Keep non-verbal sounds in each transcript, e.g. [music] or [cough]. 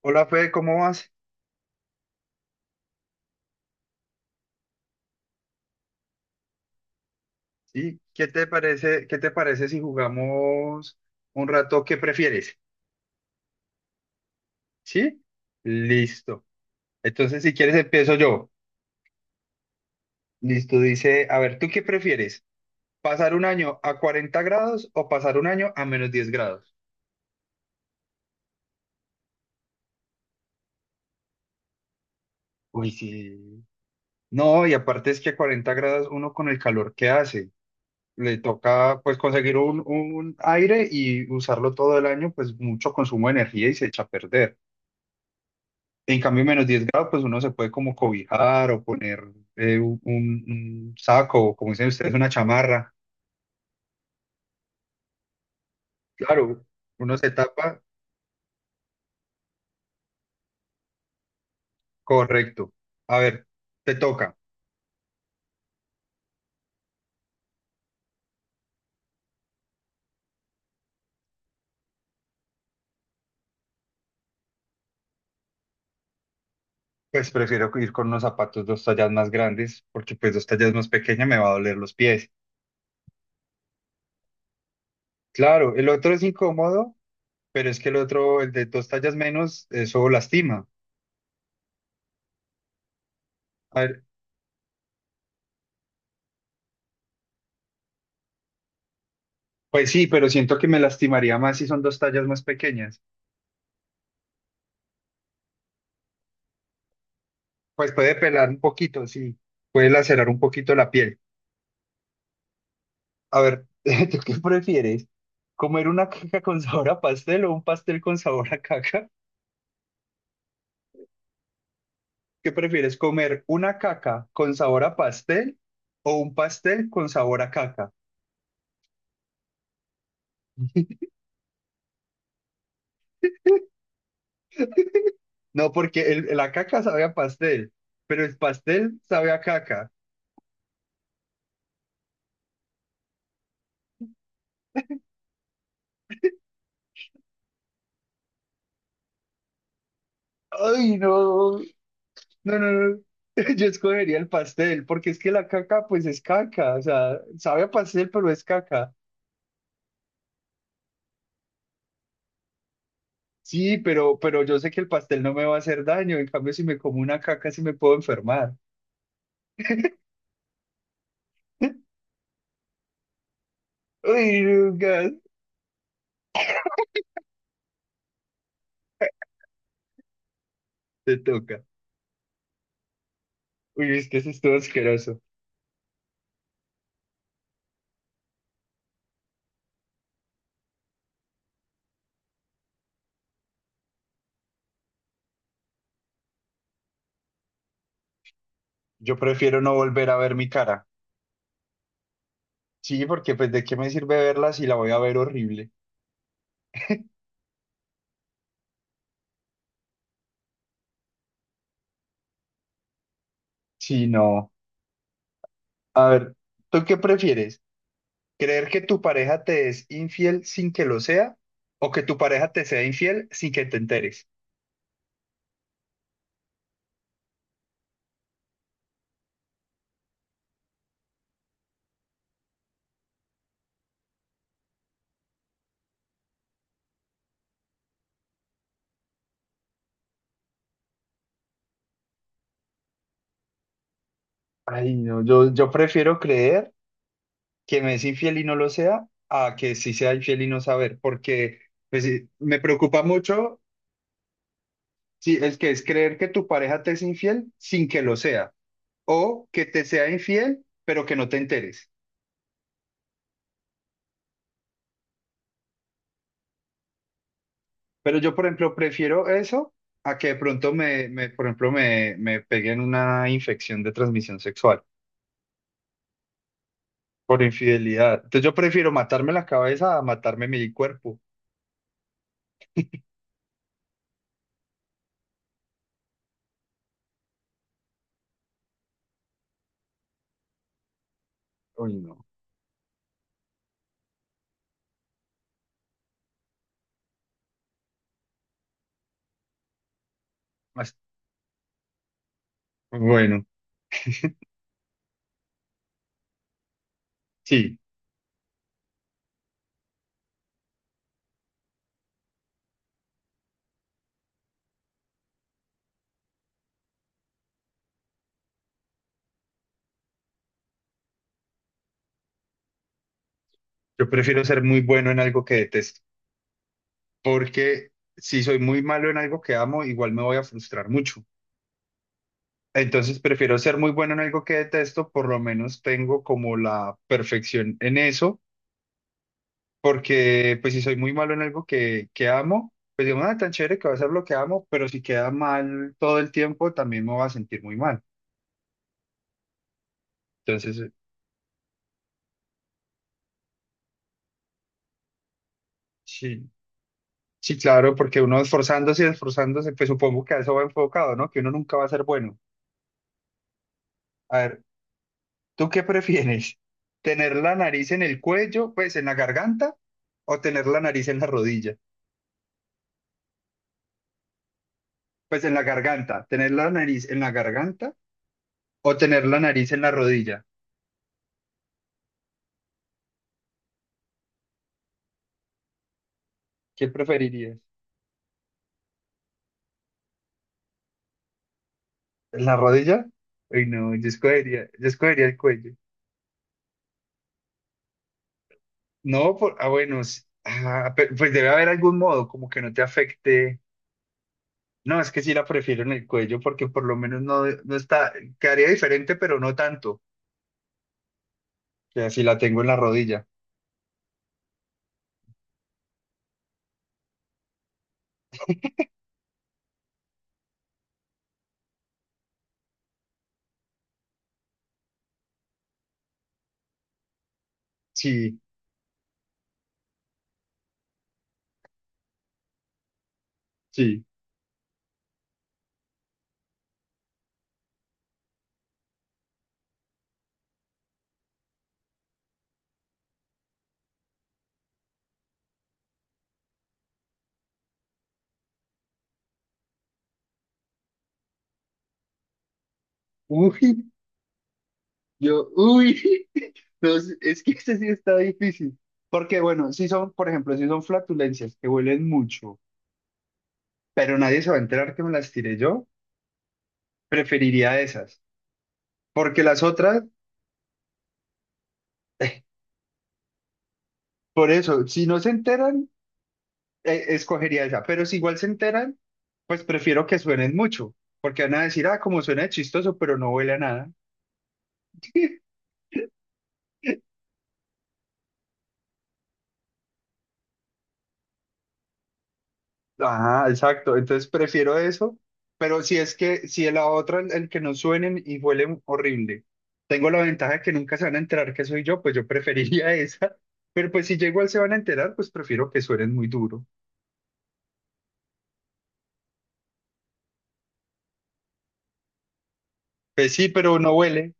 Hola Fede, ¿cómo vas? Sí, ¿qué te parece si jugamos un rato? ¿Qué prefieres? ¿Sí? Listo. Entonces, si quieres, empiezo yo. Listo, dice, a ver, ¿tú qué prefieres? ¿Pasar un año a 40 grados o pasar un año a -10 grados? Uy, sí. No, y aparte es que a 40 grados uno con el calor que hace, le toca pues conseguir un aire y usarlo todo el año, pues mucho consumo de energía y se echa a perder. En cambio, -10 grados, pues uno se puede como cobijar o poner un saco, o como dicen ustedes, una chamarra. Claro, uno se tapa, correcto. A ver, te toca. Pues prefiero ir con unos zapatos 2 tallas más grandes, porque pues 2 tallas más pequeñas me va a doler los pies. Claro, el otro es incómodo, pero es que el otro, el de 2 tallas menos, eso lastima. A ver, pues sí, pero siento que me lastimaría más si son 2 tallas más pequeñas. Pues puede pelar un poquito, sí, puede lacerar un poquito la piel. A ver, [laughs] ¿tú qué prefieres? ¿Comer una caca con sabor a pastel o un pastel con sabor a caca? ¿Qué prefieres? ¿Comer una caca con sabor a pastel o un pastel con sabor a caca? No, porque la caca sabe a pastel, pero el pastel sabe a caca. Ay, no, no, no, no. [laughs] Yo escogería el pastel, porque es que la caca, pues es caca, o sea, sabe a pastel, pero es caca. Sí, pero yo sé que el pastel no me va a hacer daño, en cambio si me como una caca sí me puedo enfermar. Uy, Lucas, te toca. Uy, es que eso estuvo asqueroso. Yo prefiero no volver a ver mi cara. Sí, porque pues de qué me sirve verla si la voy a ver horrible. Sí, no. A ver, ¿tú qué prefieres? ¿Creer que tu pareja te es infiel sin que lo sea? ¿O que tu pareja te sea infiel sin que te enteres? Ay, no, yo prefiero creer que me es infiel y no lo sea a que sí sea infiel y no saber, porque pues, sí, me preocupa mucho. Sí, el que es creer que tu pareja te es infiel sin que lo sea, o que te sea infiel, pero que no te enteres. Pero yo, por ejemplo, prefiero eso a que de pronto por ejemplo, me peguen una infección de transmisión sexual por infidelidad. Entonces yo prefiero matarme la cabeza a matarme mi cuerpo. Uy, no. Mas- Bueno, sí, yo prefiero ser muy bueno en algo que detesto, porque si soy muy malo en algo que amo, igual me voy a frustrar mucho. Entonces prefiero ser muy bueno en algo que detesto, por lo menos tengo como la perfección en eso, porque pues si soy muy malo en algo que amo, pues digo, nada, tan chévere que va a ser lo que amo, pero si queda mal todo el tiempo, también me va a sentir muy mal. Entonces, sí, sí, claro, porque uno esforzándose y esforzándose, pues supongo que a eso va enfocado, ¿no? Que uno nunca va a ser bueno. A ver, ¿tú qué prefieres? ¿Tener la nariz en el cuello, pues en la garganta, o tener la nariz en la rodilla? Pues en la garganta, tener la nariz en la garganta o tener la nariz en la rodilla. ¿Qué preferirías? ¿En la rodilla? Uy, no, yo escogería el cuello. No, ah, bueno, ah, pues debe haber algún modo como que no te afecte. No, es que sí la prefiero en el cuello porque por lo menos no, no está, quedaría diferente, pero no tanto que así la tengo en la rodilla. Sí, sí. Uy, Yo, uy, [laughs] no, es que este sí está difícil. Porque, bueno, si son, por ejemplo, si son flatulencias que huelen mucho, pero nadie se va a enterar que me las tiré yo, preferiría esas. Porque las otras, [laughs] eh, por eso, si no se enteran, escogería esa. Pero si igual se enteran, pues prefiero que suenen mucho. Porque van a decir, ah, como suena chistoso, pero no huele a nada. [laughs] Ajá, exacto. Entonces prefiero eso, pero si es que, si la otra, el que no suenen y huelen horrible, tengo la ventaja de que nunca se van a enterar que soy yo, pues yo preferiría [laughs] esa. Pero pues si ya igual se van a enterar, pues prefiero que suenen muy duro. Pues sí, pero no huele.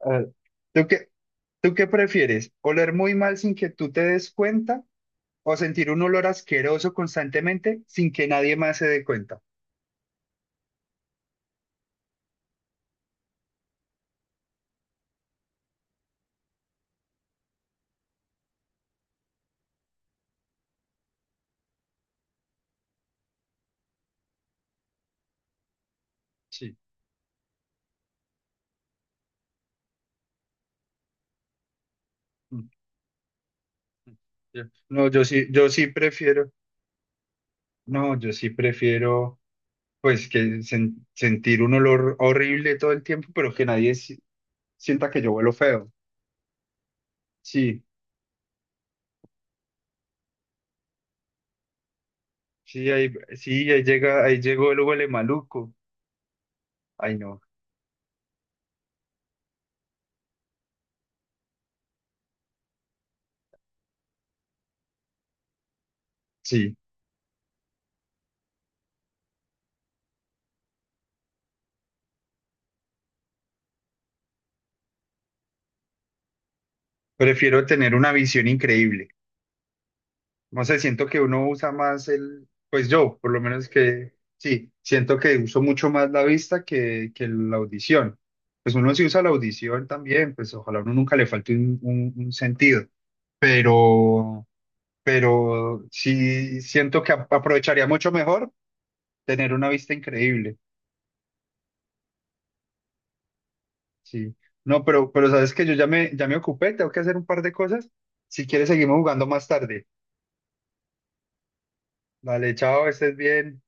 Ah, ¿Tú qué, tú qué prefieres? ¿Oler muy mal sin que tú te des cuenta o sentir un olor asqueroso constantemente sin que nadie más se dé cuenta? Sí. Mm, mm, ya. No, yo sí prefiero. No, yo sí prefiero. Pues que sentir un olor horrible todo el tiempo, pero que nadie sienta que yo huelo feo. Sí, sí, ahí llega, ahí llegó el huele maluco. Ay, no, sí. Prefiero tener una visión increíble. No sé, siento que uno usa más pues yo, por lo menos que, sí, siento que uso mucho más la vista que, la audición. Pues uno sí usa la audición también, pues ojalá a uno nunca le falte un sentido, pero... pero sí siento que aprovecharía mucho mejor tener una vista increíble. Sí. No, pero sabes que yo ya me ocupé, tengo que hacer un par de cosas. Si quieres, seguimos jugando más tarde. Vale, chao, estés bien.